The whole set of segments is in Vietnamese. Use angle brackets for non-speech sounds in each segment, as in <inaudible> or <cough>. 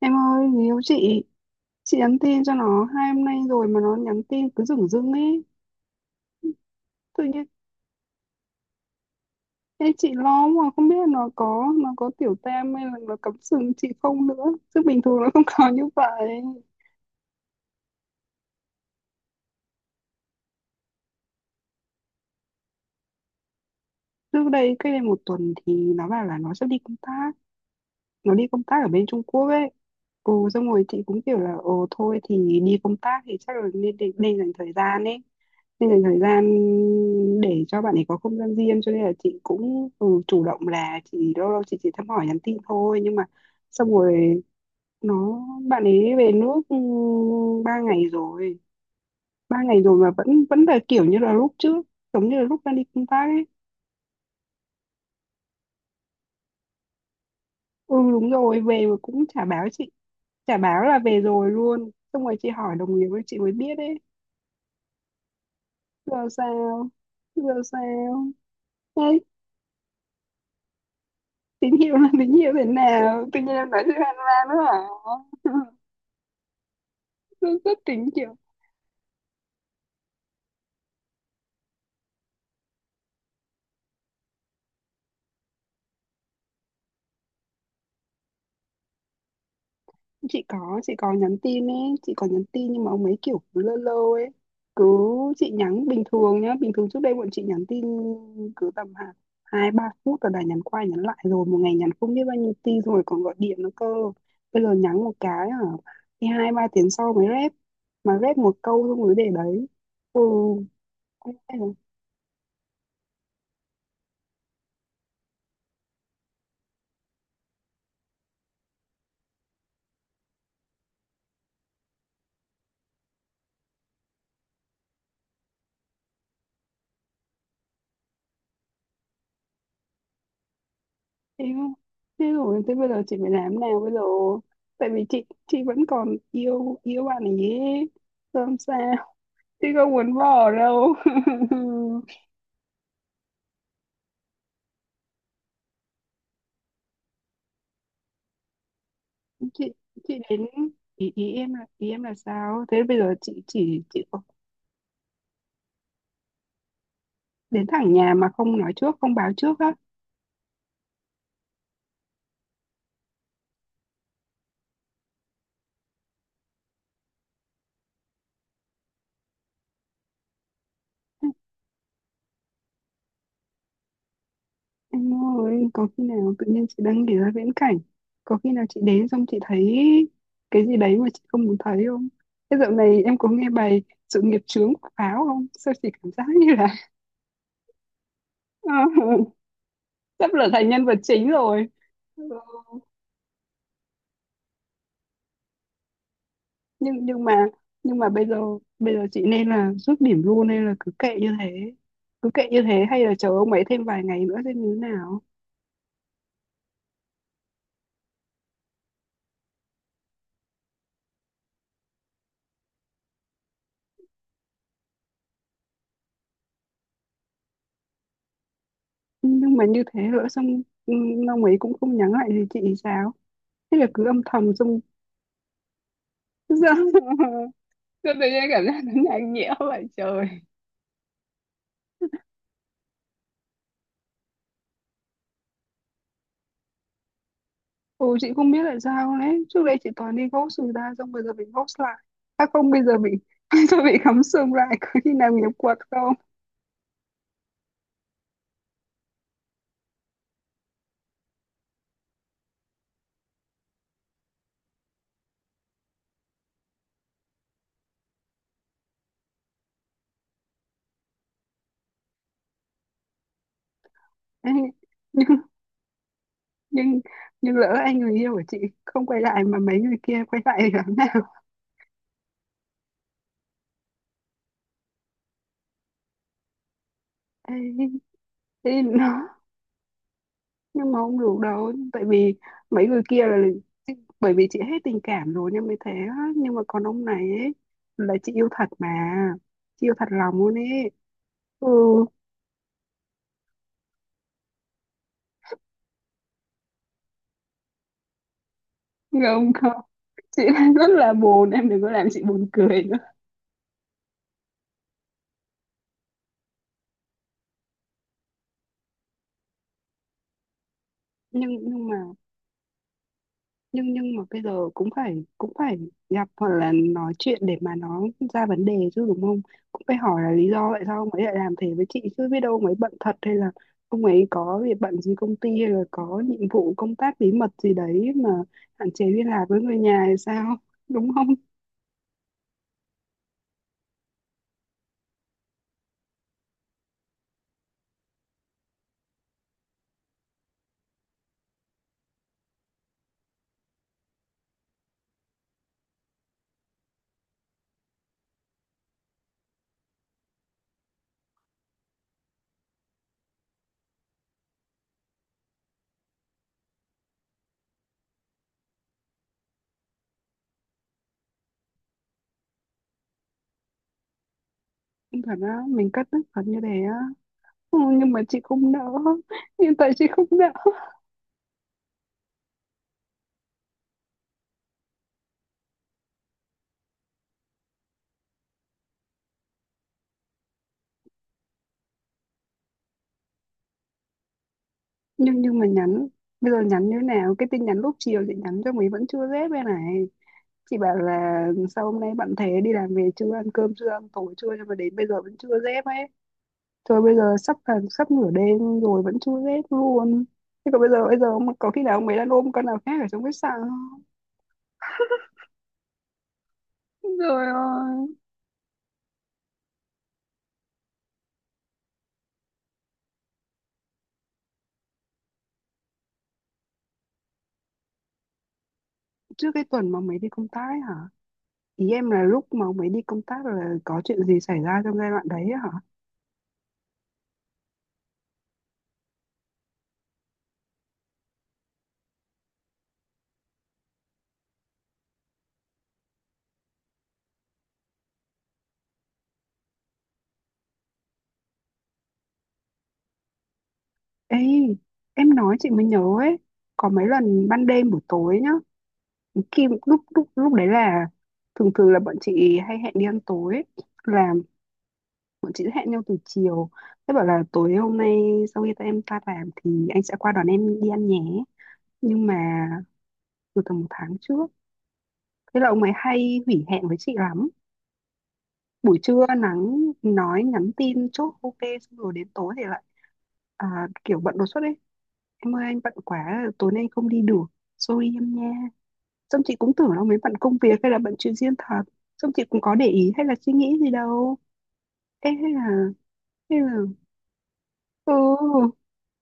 Em ơi, người yêu chị nhắn tin cho nó 2 hôm nay rồi mà nó nhắn tin cứ dửng dưng ấy. Tự nhiên, em chị lo mà không biết là nó có tiểu tam hay là nó cắm sừng chị không nữa. Chứ bình thường nó không <laughs> có như vậy. Trước đây, cách đây một tuần thì nó bảo là nó sẽ đi công tác, nó đi công tác ở bên Trung Quốc ấy. Ồ, xong rồi chị cũng kiểu là, ồ thôi thì đi công tác thì chắc là nên dành thời gian ấy nên dành thời gian để cho bạn ấy có không gian riêng, cho nên là chị cũng ừ, chủ động là chị lâu lâu chị chỉ thăm hỏi nhắn tin thôi. Nhưng mà xong rồi nó bạn ấy về nước, ừ, ba ngày rồi ba ngày rồi mà vẫn vẫn là kiểu như là lúc trước, giống như là lúc đang đi công tác ấy. Ừ đúng rồi, về mà cũng chả báo chị, chả báo là về rồi luôn. Xong rồi chị hỏi đồng nghiệp ấy, chị mới biết ấy. Giờ sao giờ sao Đấy, tình yêu là tình yêu thế nào? Tự nhiên em nói chuyện hoang mang nữa hả? <laughs> Rất tính kiểu. Chị có nhắn tin ấy, chị có nhắn tin, nhưng mà ông ấy kiểu cứ lơ lơ ấy. Cứ, chị nhắn bình thường nhá, bình thường trước đây bọn chị nhắn tin cứ tầm hạt hai ba phút rồi đã nhắn qua nhắn lại rồi, một ngày nhắn không biết bao nhiêu tin rồi còn gọi điện nữa cơ. Bây giờ nhắn một cái hả thì hai ba tiếng sau mới rep, mà rep một câu xong mới để đấy. Ừ em không. Thế rồi tới bây giờ chị phải làm thế nào bây giờ, tại vì chị vẫn còn yêu yêu bạn ấy ấy. Làm sao, chị không muốn bỏ đâu. <laughs> chị chị đến, ý em là sao thế bây giờ? Chị chỉ chị đến thẳng nhà mà không nói trước, không báo trước á? Em ơi, có khi nào tự nhiên chị đang nghĩ ra viễn cảnh, có khi nào chị đến xong chị thấy cái gì đấy mà chị không muốn thấy không? Thế dạo này em có nghe bài Sự Nghiệp Chướng của Pháo không? Sao chị cảm giác như là, <laughs> ờ, sắp trở thành nhân vật chính rồi. Ừ, Nhưng nhưng mà nhưng mà bây giờ chị nên là rút điểm luôn hay là cứ kệ như thế? Cứ kệ như thế hay là chờ ông ấy thêm vài ngày nữa xem như thế nào? Nhưng mà như thế nữa xong ừ, ông ấy cũng không nhắn lại gì chị thì sao? Thế là cứ âm thầm xong. Sao sao <laughs> Tự nhiên cảm giác nó nhạt nhẽo vậy trời. Ừ chị không biết là sao đấy. Trước đây chị toàn đi ghost người ta, xong bây giờ bị ghost lại. À không bây giờ bị <laughs> tôi bị cắm sừng lại, có khi nào nhập quật không? Ê, nhưng nhưng nhưng lỡ anh người yêu của chị không quay lại mà mấy người kia quay lại thì làm nào? Ê, thế nó, nhưng mà không được đâu, tại vì mấy người kia là, bởi vì chị hết tình cảm rồi nên mới thế á. Nhưng mà còn ông này ấy, là chị yêu thật mà, chị yêu thật lòng luôn ấy. Ừ không không, chị <laughs> đang rất là buồn, em đừng có làm chị buồn cười nữa. Nhưng nhưng mà nhưng nhưng mà bây giờ cũng phải, cũng phải gặp hoặc là nói chuyện để mà nó ra vấn đề chứ đúng không? Cũng phải hỏi là lý do tại sao ông ấy lại làm thế với chị chứ, biết đâu ông ấy bận thật hay là ông ấy có việc bận gì công ty hay là có nhiệm vụ công tác bí mật gì đấy mà hạn chế liên lạc với người nhà hay sao <laughs> đúng không? Không thật á, mình cất tức thật như thế á? Ừ, nhưng mà chị không nỡ. <laughs> Hiện tại chị không nỡ. <laughs> Nhưng mà bây giờ nhắn như thế nào? Cái tin nhắn lúc chiều chị nhắn cho mấy vẫn chưa dép đây này. Chị bảo là sao hôm nay bạn thế, đi làm về chưa, ăn cơm chưa, ăn tối chưa, nhưng mà đến bây giờ vẫn chưa dép ấy. Thôi bây giờ sắp là sắp nửa đêm rồi vẫn chưa dép luôn. Thế còn bây giờ, bây giờ ông- có khi nào ông ấy đang ôm con nào khác ở trong khách sạn không rồi ơi. Trước cái tuần mà ông đi công tác ấy hả? Ý em là lúc mà ông đi công tác là có chuyện gì xảy ra trong giai đoạn đấy ấy hả? Ê, em nói chị mới nhớ ấy. Có mấy lần ban đêm buổi tối nhá, khi lúc lúc lúc đấy là thường thường là bọn chị hay hẹn đi ăn tối ấy. Là bọn chị sẽ hẹn nhau từ chiều, thế bảo là tối hôm nay sau khi ta em ta làm thì anh sẽ qua đón em đi ăn nhé, nhưng mà từ tầm một tháng trước, thế là ông ấy hay hủy hẹn với chị lắm. Buổi trưa nắng, nói nhắn tin chốt ok xong rồi đến tối thì lại à, kiểu bận đột xuất ấy. Em ơi anh bận quá tối nay không đi được, sorry em nha. Xong chị cũng tưởng là mấy bận công việc hay là bận chuyện riêng thật, xong chị cũng có để ý hay là suy nghĩ gì đâu. Ê, hay là, hay là, ừ,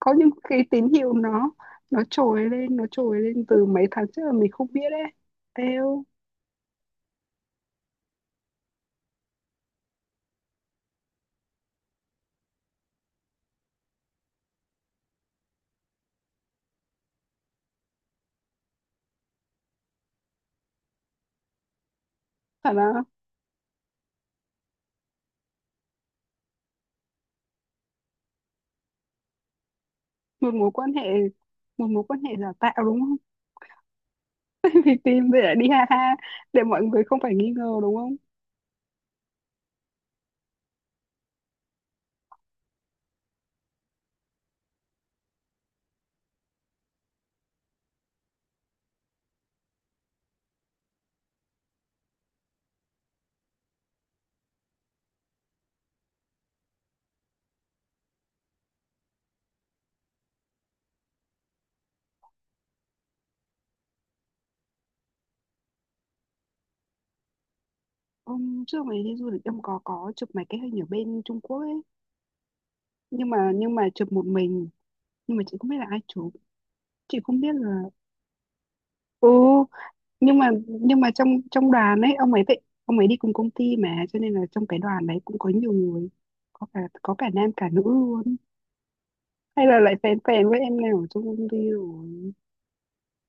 có những cái tín hiệu nó, nó trồi lên từ mấy tháng trước mà mình không biết đấy. Eo, phải là một mối quan hệ, một mối quan hệ giả tạo đúng không? <laughs> Vì tìm để lại đi ha ha để mọi người không phải nghi ngờ đúng không? Hôm trước mày đi du lịch em có chụp mấy cái hình ở bên Trung Quốc ấy, nhưng mà chụp một mình, nhưng mà chị không biết là ai chụp, chị không biết là, ừ, nhưng mà, nhưng mà trong trong đoàn ấy ông ấy vậy, ông ấy đi cùng công ty mà cho nên là trong cái đoàn đấy cũng có nhiều người, có cả, có cả nam cả nữ luôn. Hay là lại phèn phèn với em nào ở trong công ty rồi,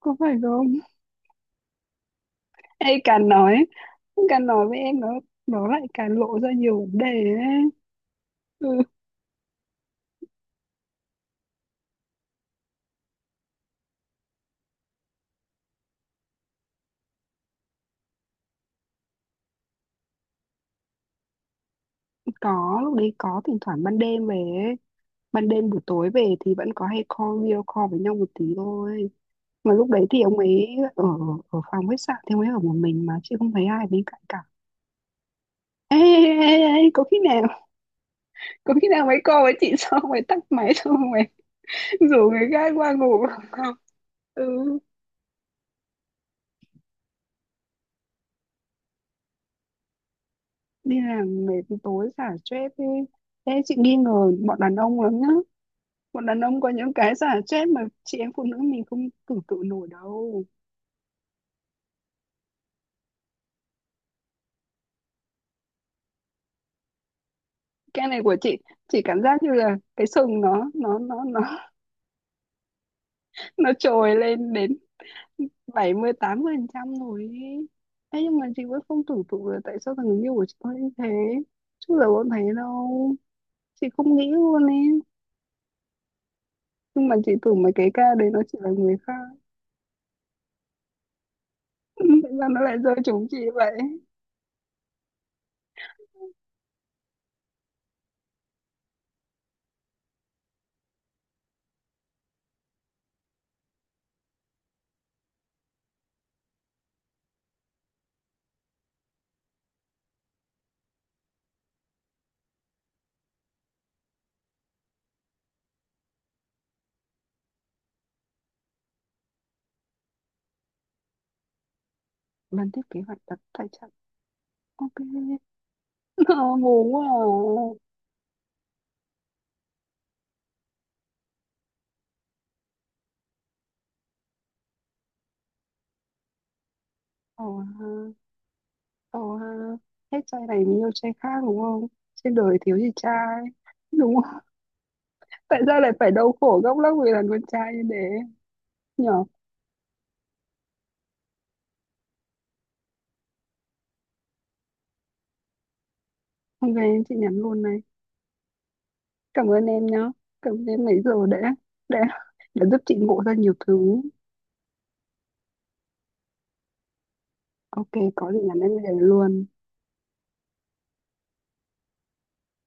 có phải không? Hay càng nói với em nó lại càng lộ ra nhiều vấn đề ấy. Ừ, có lúc đấy có thỉnh thoảng ban đêm về ấy. Ban đêm buổi tối về thì vẫn có hay call video call với nhau một tí thôi, mà lúc đấy thì ông ấy ở, ở phòng khách sạn thì ông ấy ở một mình mà chị không thấy ai bên cạnh cả. Ê, ê, ê, ê, có khi nào, có khi nào mấy cô với chị <laughs> xong rồi tắt máy xong rồi <laughs> rủ người khác qua ngủ. Ừ, đi làm mệt tối xả stress đi. Thế chị nghi ngờ bọn đàn ông lắm nhá, bọn đàn ông có những cái xả stress mà chị em phụ nữ mình không tưởng tượng nổi đâu. Cái này của chị cảm giác như là cái sừng nó nó trồi lên đến 78% rồi ý. Thế nhưng mà chị vẫn không tưởng tượng là tại sao thằng người yêu của chị có như thế, chứ giờ vẫn thấy đâu, chị không nghĩ luôn ấy. Nhưng mà chị tưởng mấy cái ca đấy nó chỉ là người khác. <laughs> Tại sao nó lại rơi chúng chị vậy? Lần tiếp kế hoạch đặt tại trận, ok. <laughs> Ờ, ngu quá à. Ồ ha, ồ ha, hết trai này mình yêu trai khác đúng không, trên đời thiếu gì trai, đúng không? <laughs> Tại sao lại phải đau khổ gốc lắm vì là con trai như thế nhở? Ok, chị nhắn luôn này. Cảm ơn em nhá, cảm ơn em nãy giờ đã đã giúp chị ngộ ra nhiều thứ. Ok, có gì nhắn em liền luôn.